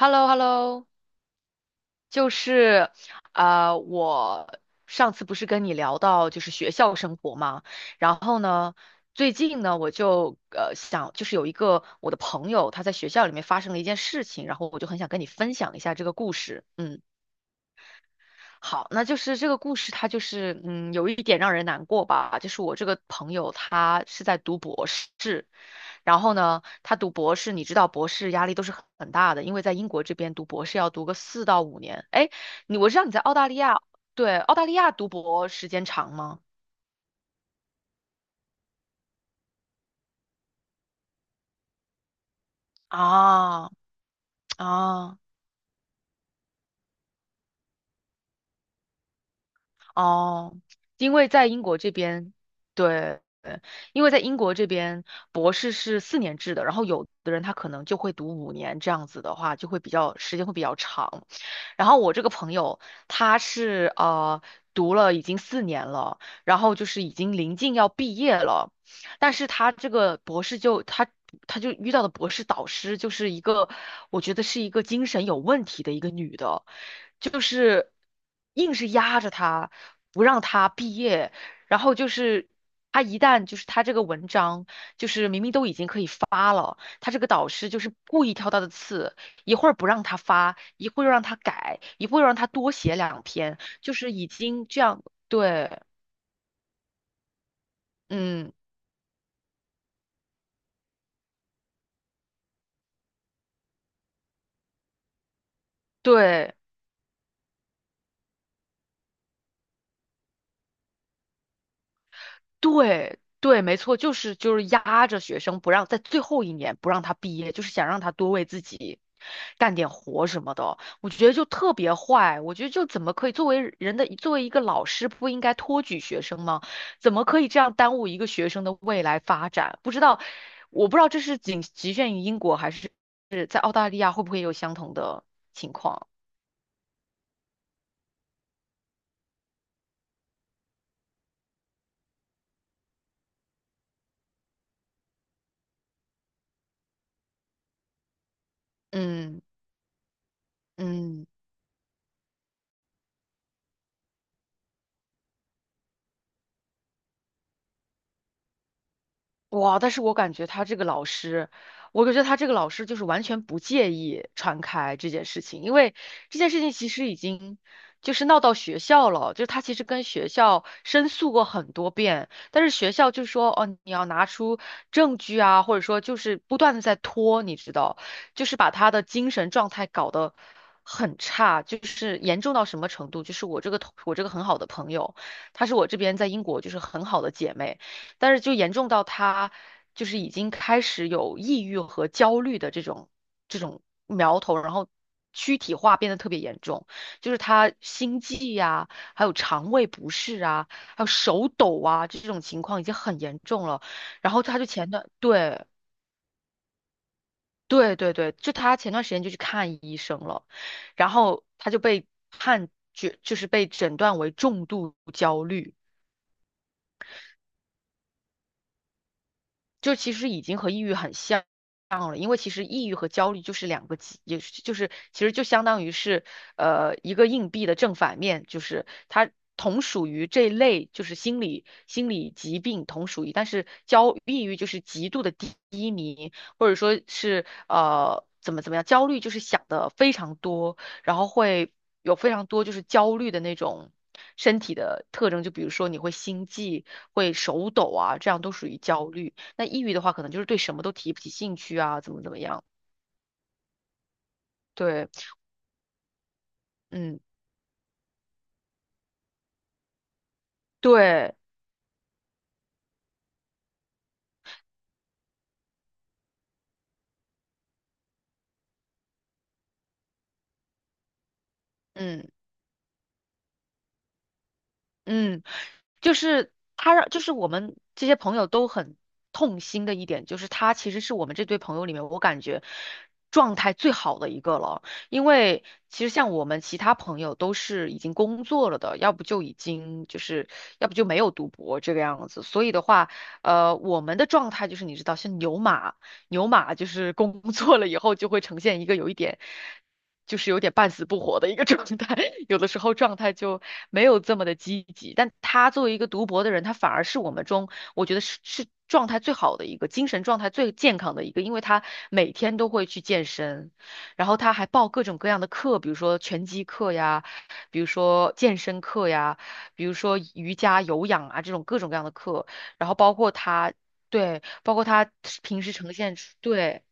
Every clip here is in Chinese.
Hello hello 就是我上次不是跟你聊到就是学校生活嘛，然后呢，最近呢，我就就是有一个我的朋友他在学校里面发生了一件事情，然后我就很想跟你分享一下这个故事。嗯，好，那就是这个故事它就是有一点让人难过吧，就是我这个朋友他是在读博士。然后呢，他读博士，你知道博士压力都是很大的，因为在英国这边读博士要读个4到5年。哎，我知道你在澳大利亚，对，澳大利亚读博时间长吗？啊啊。哦，因为在英国这边，对，因为在英国这边博士是4年制的，然后有的人他可能就会读五年，这样子的话就会比较时间会比较长。然后我这个朋友他是读了已经四年了，然后就是已经临近要毕业了，但是他这个博士就他就遇到的博士导师就是一个，我觉得是一个精神有问题的一个女的，就是硬是压着他，不让他毕业，然后就是他一旦就是他这个文章，哦，他这个导师就是故意挑他的刺，一会儿不让他发，一会儿又让他改，一会儿又让他多写2篇，就是已经这样，对，嗯，对。对对，没错，就是压着学生不让在最后一年不让他毕业，就是想让他多为自己干点活什么的。我觉得就特别坏，我觉得就怎么可以作为人的作为一个老师不应该托举学生吗？怎么可以这样耽误一个学生的未来发展？不知道，我不知道这是仅局限于英国还是在澳大利亚会不会有相同的情况？嗯嗯。哇！但是我感觉他这个老师就是完全不介意传开这件事情，因为这件事情其实已经就是闹到学校了，就是他其实跟学校申诉过很多遍，但是学校就说哦，你要拿出证据啊，或者说就是不断的在拖，你知道，就是把他的精神状态搞得很差，就是严重到什么程度？就是我这个很好的朋友，她是我这边在英国就是很好的姐妹。但是就严重到他就是已经开始有抑郁和焦虑的这种苗头，然后躯体化变得特别严重，就是他心悸呀、还有肠胃不适啊，还有手抖啊这种情况已经很严重了。然后他就前段对对对对，就他前段时间就去看医生了，然后他就被判决就是被诊断为重度焦虑。就其实已经和抑郁很像了，因为其实抑郁和焦虑就是两个极，也是就是其实就相当于是一个硬币的正反面，就是它同属于这类就是心理疾病同属于，但是焦抑郁就是极度的低迷，或者说是怎么怎么样，焦虑就是想的非常多，然后会有非常多就是焦虑的那种。身体的特征，就比如说你会心悸、会手抖啊，这样都属于焦虑。那抑郁的话，可能就是对什么都提不起兴趣啊，怎么怎么样？对，嗯，对，嗯嗯，就是他让，就是我们这些朋友都很痛心的一点，就是他其实是我们这堆朋友里面，我感觉状态最好的一个了。因为其实像我们其他朋友都是已经工作了的，要不就已经就是，要不就没有读博这个样子。所以的话，我们的状态就是你知道，像牛马。牛马就是工作了以后就会呈现一个有一点，就是有点半死不活的一个 状态，有的时候状态就没有这么的积极。但他作为一个读博的人，他反而是我们中我觉得是状态最好的一个，精神状态最健康的一个，因为他每天都会去健身，然后他还报各种各样的课，比如说拳击课呀，比如说健身课呀。比如说瑜伽、有氧啊这种各种各样的课，然后包括他。对，包括他平时呈现出，对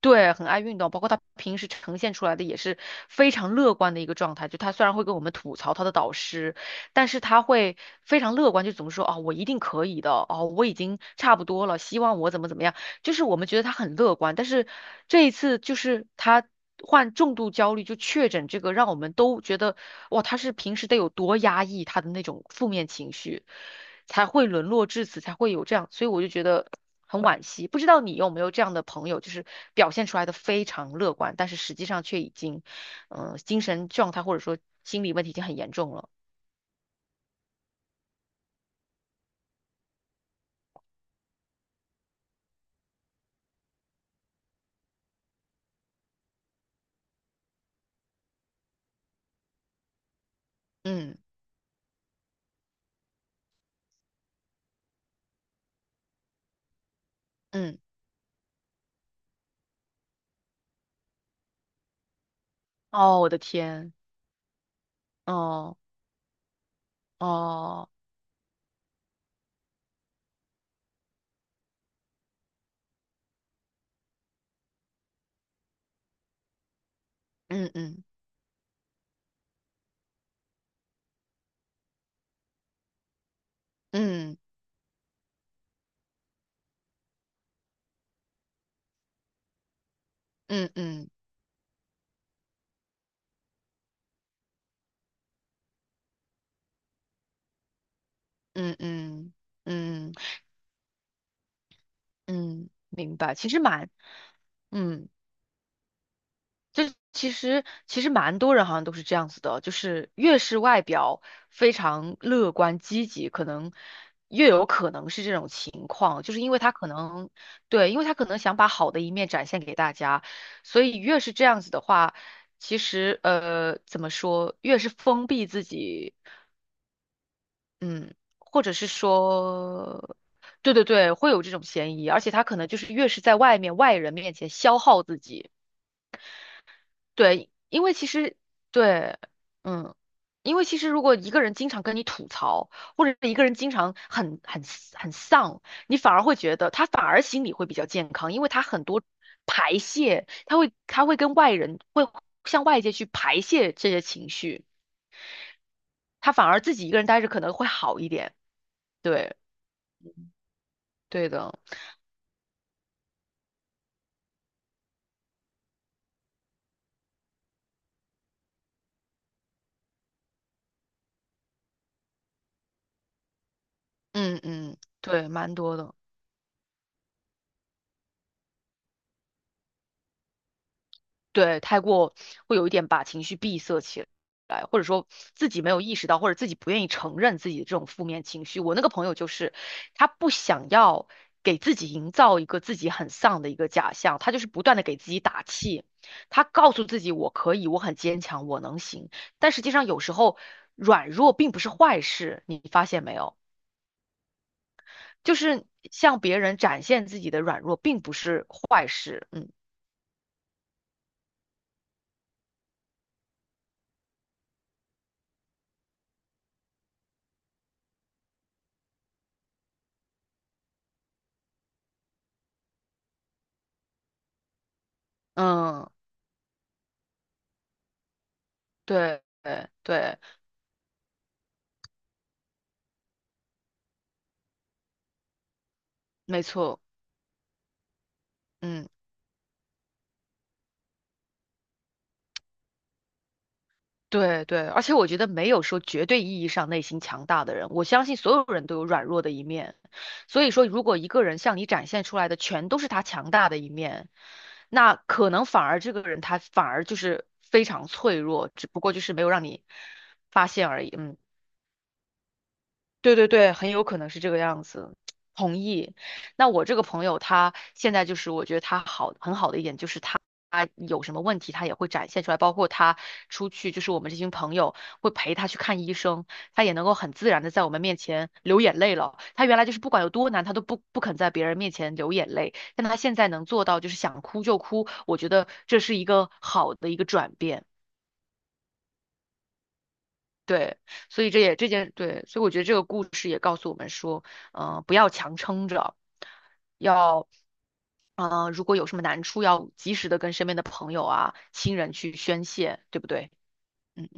对，很爱运动，包括他平时呈现出来的也是非常乐观的一个状态。就他虽然会跟我们吐槽他的导师，但是他会非常乐观，就怎么说啊、我一定可以的，哦，我已经差不多了，希望我怎么怎么样，就是我们觉得他很乐观，但是这一次就是他。患重度焦虑就确诊这个，让我们都觉得哇，他是平时得有多压抑他的那种负面情绪，才会沦落至此，才会有这样。所以我就觉得很惋惜。不知道你有没有这样的朋友，就是表现出来的非常乐观，但是实际上却已经，精神状态或者说心理问题已经很严重了。嗯嗯，哦，我的天，哦哦，嗯嗯嗯嗯嗯嗯嗯嗯嗯，明白。其实蛮，嗯。就其实蛮多人好像都是这样子的，就是越是外表非常乐观积极，可能越有可能是这种情况，就是因为他可能对，因为他可能想把好的一面展现给大家，所以越是这样子的话，其实怎么说，越是封闭自己，嗯，或者是说。对对对，会有这种嫌疑，而且他可能就是越是在外人面前消耗自己，对，因为其实对，嗯，因为其实如果一个人经常跟你吐槽，或者是一个人经常很丧，你反而会觉得他反而心理会比较健康，因为他很多排泄，他会跟外人会向外界去排泄这些情绪，他反而自己一个人待着可能会好一点。对，对的，嗯嗯，对，蛮多的。对，太过会有一点把情绪闭塞起来，或者说自己没有意识到，或者自己不愿意承认自己的这种负面情绪。我那个朋友就是，他不想要给自己营造一个自己很丧的一个假象，他就是不断的给自己打气，他告诉自己我可以，我很坚强，我能行。但实际上有时候软弱并不是坏事，你发现没有？就是向别人展现自己的软弱并不是坏事。嗯嗯，对对对，没错。嗯，对对，而且我觉得没有说绝对意义上内心强大的人，我相信所有人都有软弱的一面。所以说，如果一个人向你展现出来的全都是他强大的一面，那可能反而这个人他反而就是非常脆弱，只不过就是没有让你发现而已。嗯。对对对，很有可能是这个样子，同意。那我这个朋友他现在就是，我觉得他好很好的一点就是他有什么问题他也会展现出来，包括他出去就是我们这群朋友会陪他去看医生，他也能够很自然的在我们面前流眼泪了。他原来就是不管有多难，他都不肯在别人面前流眼泪，但他现在能做到就是想哭就哭，我觉得这是一个好的一个转变。对，所以这也这件对，所以我觉得这个故事也告诉我们说，嗯，不要强撑着，要，如果有什么难处，要及时的跟身边的朋友啊、亲人去宣泄，对不对？嗯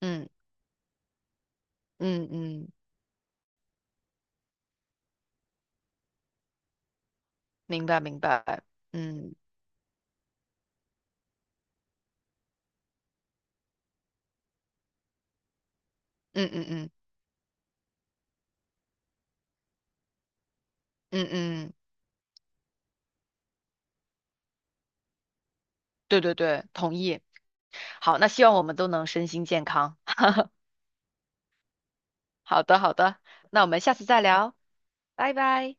嗯嗯嗯嗯，明白明白，嗯嗯嗯嗯嗯嗯，对对对，同意。好，那希望我们都能身心健康。好的好的，那我们下次再聊，拜拜。